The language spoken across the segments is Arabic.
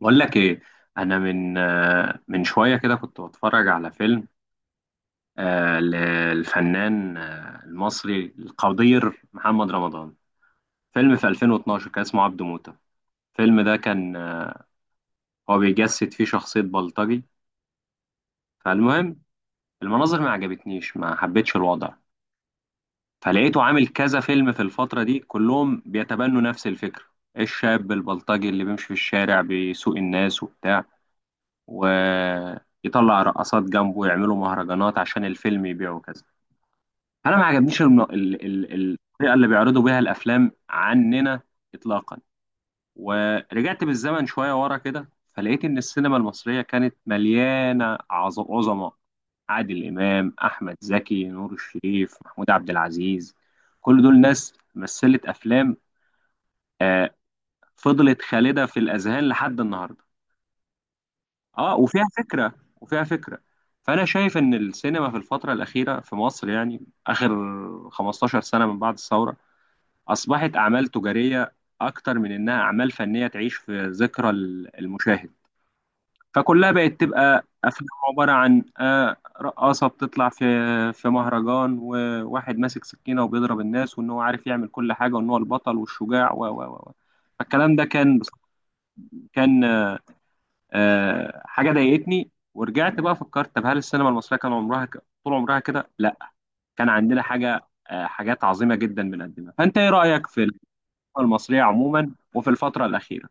بقول لك ايه. انا من شويه كده كنت بتفرج على فيلم، للفنان، المصري القدير محمد رمضان. فيلم في 2012 كان اسمه عبده موتة. الفيلم ده كان، هو بيجسد فيه شخصيه بلطجي. فالمهم، المناظر ما عجبتنيش، ما حبيتش الوضع. فلقيته عامل كذا فيلم في الفتره دي كلهم بيتبنوا نفس الفكره. الشاب البلطجي اللي بيمشي في الشارع بيسوق الناس وبتاع، ويطلع رقصات جنبه ويعملوا مهرجانات عشان الفيلم يبيعه كذا. انا ما عجبنيش الطريقه اللي بيعرضوا بيها الافلام عننا اطلاقا. ورجعت بالزمن شويه ورا كده، فلقيت ان السينما المصريه كانت مليانه عظماء: عادل امام، احمد زكي، نور الشريف، محمود عبد العزيز. كل دول ناس مثلت افلام، آه، فضلت خالده في الاذهان لحد النهارده. اه، وفيها فكرة، وفيها فكرة. فأنا شايف إن السينما في الفترة الأخيرة في مصر، يعني آخر 15 سنة من بعد الثورة، أصبحت أعمال تجارية أكتر من إنها أعمال فنية تعيش في ذكرى المشاهد. فكلها بقت تبقى أفلام عبارة عن، رقاصة بتطلع في مهرجان، وواحد ماسك سكينة وبيضرب الناس، وإن هو عارف يعمل كل حاجة، وإن هو البطل والشجاع و و و فالكلام ده كان حاجه ضايقتني. ورجعت بقى فكرت، طب هل السينما المصريه كان عمرها، طول عمرها كده؟ لا. كان عندنا حاجه، حاجات عظيمه جدا بنقدمها. فانت ايه رايك في السينما المصريه عموما وفي الفتره الاخيره؟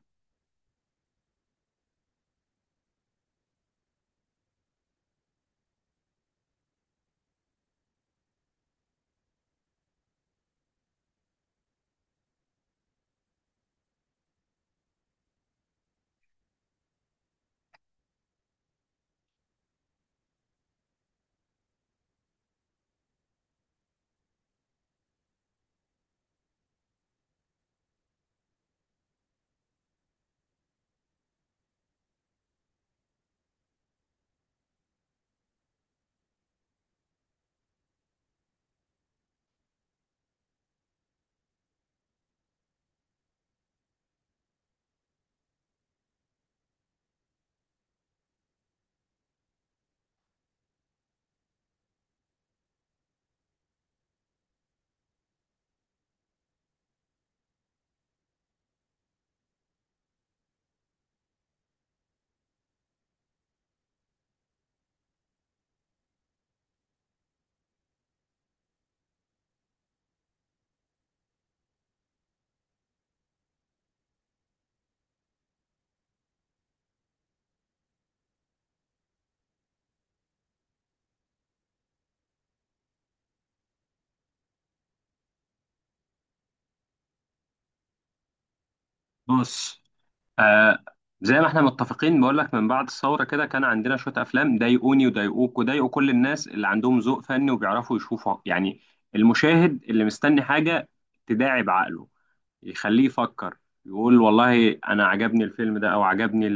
بص، آه زي ما احنا متفقين، بقول لك من بعد الثوره كده كان عندنا شويه افلام ضايقوني وضايقوك وضايقوا كل الناس اللي عندهم ذوق فني وبيعرفوا يشوفوا. يعني المشاهد اللي مستني حاجه تداعب عقله، يخليه يفكر، يقول والله انا عجبني الفيلم ده او عجبني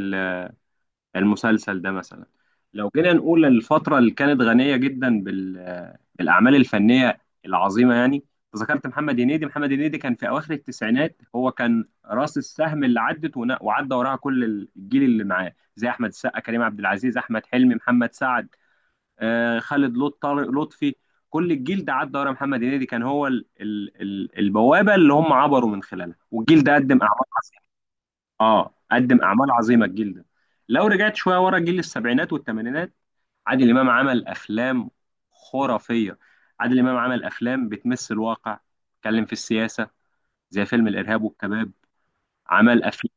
المسلسل ده مثلا. لو جينا نقول الفترة اللي كانت غنية جدا بالأعمال الفنية العظيمة، يعني ذكرت محمد هنيدي كان في أواخر التسعينات، هو كان رأس السهم اللي عدت وعدى وراها كل الجيل اللي معاه، زي أحمد السقا، كريم عبد العزيز، أحمد حلمي، محمد سعد، خالد لط طارق لطفي. كل الجيل ده عدى ورا محمد هنيدي، كان هو البوابة اللي هم عبروا من خلالها. والجيل ده قدم أعمال. اه، قدم اعمال عظيمه الجيل ده. لو رجعت شويه ورا جيل السبعينات والثمانينات، عادل امام عمل افلام خرافيه. عادل امام عمل افلام بتمس الواقع، اتكلم في السياسه، زي فيلم الارهاب والكباب. عمل افلام،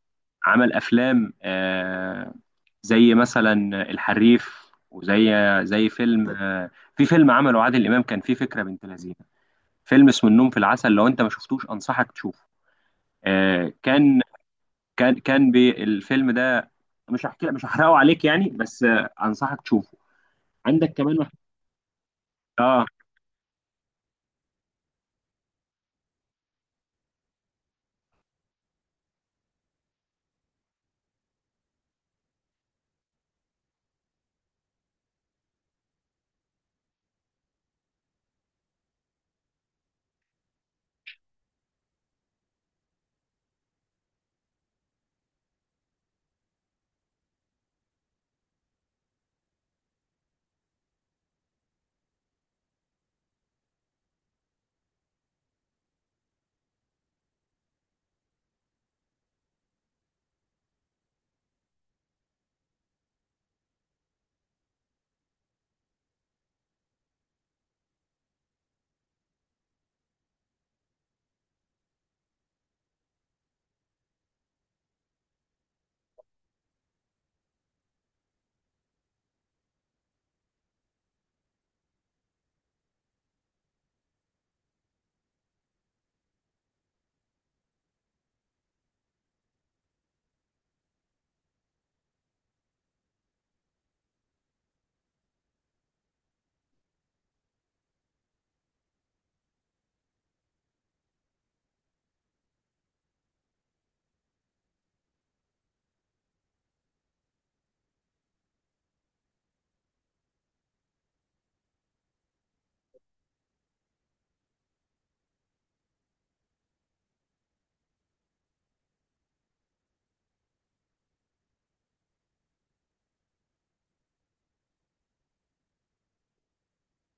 عمل افلام زي مثلا الحريف، وزي فيلم، في فيلم عمله عادل امام كان فيه فكره بنت لذينه، فيلم اسمه النوم في العسل. لو انت ما شفتوش انصحك تشوفه. آه كان كان بالفيلم ده، مش هحكي، مش هحرقه عليك يعني، بس انصحك تشوفه. عندك كمان واحد. اه،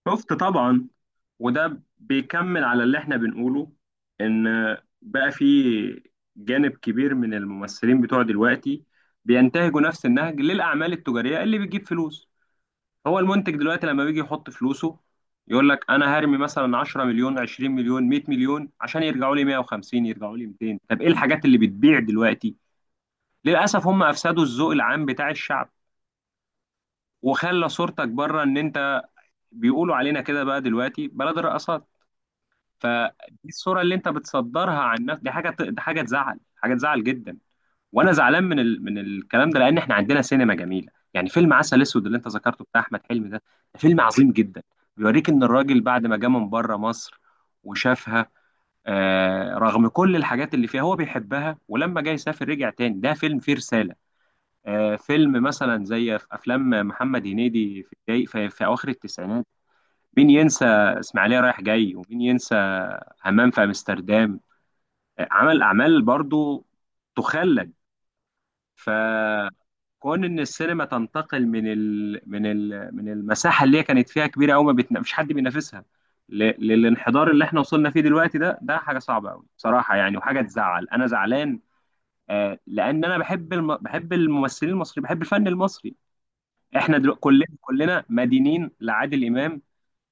شفت طبعا. وده بيكمل على اللي احنا بنقوله، ان بقى في جانب كبير من الممثلين بتوع دلوقتي بينتهجوا نفس النهج للاعمال التجاريه اللي بتجيب فلوس. هو المنتج دلوقتي لما بيجي يحط فلوسه، يقول لك انا هرمي مثلا 10 مليون، 20 مليون، 100 مليون، عشان يرجعوا لي 150، يرجعوا لي 200. طب ايه الحاجات اللي بتبيع دلوقتي؟ للأسف هم أفسدوا الذوق العام بتاع الشعب، وخلى صورتك بره، إن أنت، بيقولوا علينا كده بقى دلوقتي بلد الرقصات. فدي الصورة اللي أنت بتصدرها عن نفسك، دي حاجة تزعل، حاجة تزعل جدا. وأنا زعلان من الكلام ده، لأن إحنا عندنا سينما جميلة. يعني فيلم عسل أسود اللي أنت ذكرته بتاع أحمد حلمي ده، ده فيلم عظيم جدا. بيوريك إن الراجل بعد ما جه من بره مصر وشافها، رغم كل الحاجات اللي فيها هو بيحبها، ولما جه يسافر رجع تاني. ده فيلم فيه رسالة. فيلم مثلا زي في افلام محمد هنيدي في الجاي في, اواخر التسعينات. مين ينسى اسماعيليه رايح جاي؟ ومين ينسى همام في امستردام؟ عمل اعمال برضو تخلد. فكون ان السينما تنتقل من المساحه اللي هي كانت فيها كبيره قوي، ما بتنا... مفيش حد بينافسها، للانحدار اللي احنا وصلنا فيه دلوقتي، ده ده حاجه صعبه قوي بصراحه يعني، وحاجه تزعل. انا زعلان، لان انا بحب الممثلين المصريين، بحب الفن المصري. احنا دلو... كلنا كلنا مدينين لعادل امام،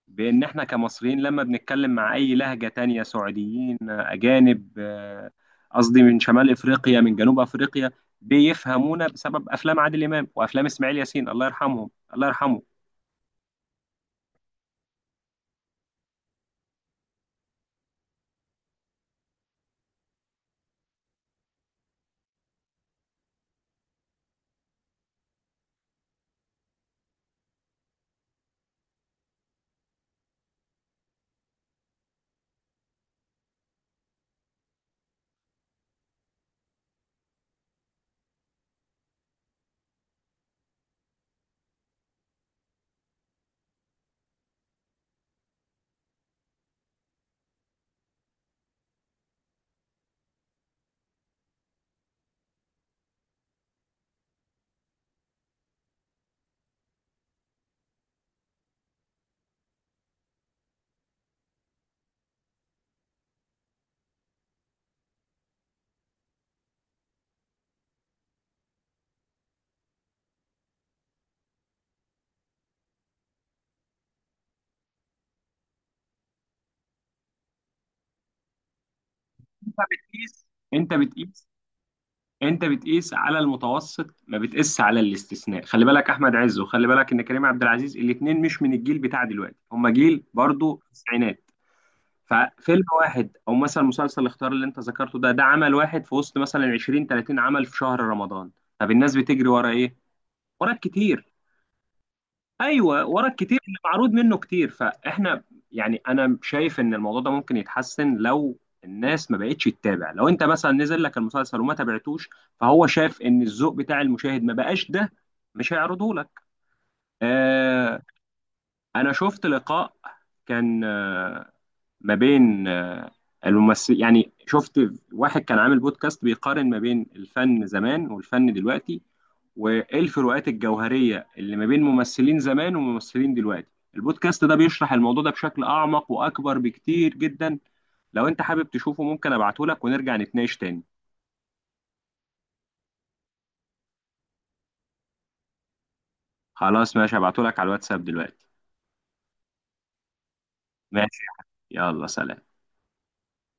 بان احنا كمصريين لما بنتكلم مع اي لهجه تانية، سعوديين، اجانب، قصدي من شمال افريقيا، من جنوب افريقيا، بيفهمونا بسبب افلام عادل امام وافلام اسماعيل ياسين، الله يرحمهم، الله يرحمه. انت بتقيس انت بتقيس انت بتقيس على المتوسط، ما بتقيس على الاستثناء. خلي بالك احمد عز، وخلي بالك ان كريم عبد العزيز، الاثنين مش من الجيل بتاع دلوقتي، هم جيل برضو التسعينات. ففيلم واحد، او مثلا مسلسل الاختيار اللي انت ذكرته ده عمل واحد في وسط مثلا 20 30 عمل في شهر رمضان. طب الناس بتجري ورا ايه؟ ورا الكتير. ايوه، ورا الكتير اللي معروض منه كتير. فاحنا يعني انا شايف ان الموضوع ده ممكن يتحسن لو الناس ما بقتش تتابع. لو انت مثلا نزل لك المسلسل وما تابعتوش، فهو شاف ان الذوق بتاع المشاهد ما بقاش ده، مش هيعرضه لك. آه انا شفت لقاء، كان ما بين الممثل يعني. شفت واحد كان عامل بودكاست بيقارن ما بين الفن زمان والفن دلوقتي، وايه الفروقات الجوهريه اللي ما بين ممثلين زمان وممثلين دلوقتي. البودكاست ده بيشرح الموضوع ده بشكل اعمق واكبر بكتير جدا. لو انت حابب تشوفه ممكن ابعته لك ونرجع نتناقش تاني. خلاص ماشي، هبعته لك على الواتساب دلوقتي. ماشي. يلا سلام.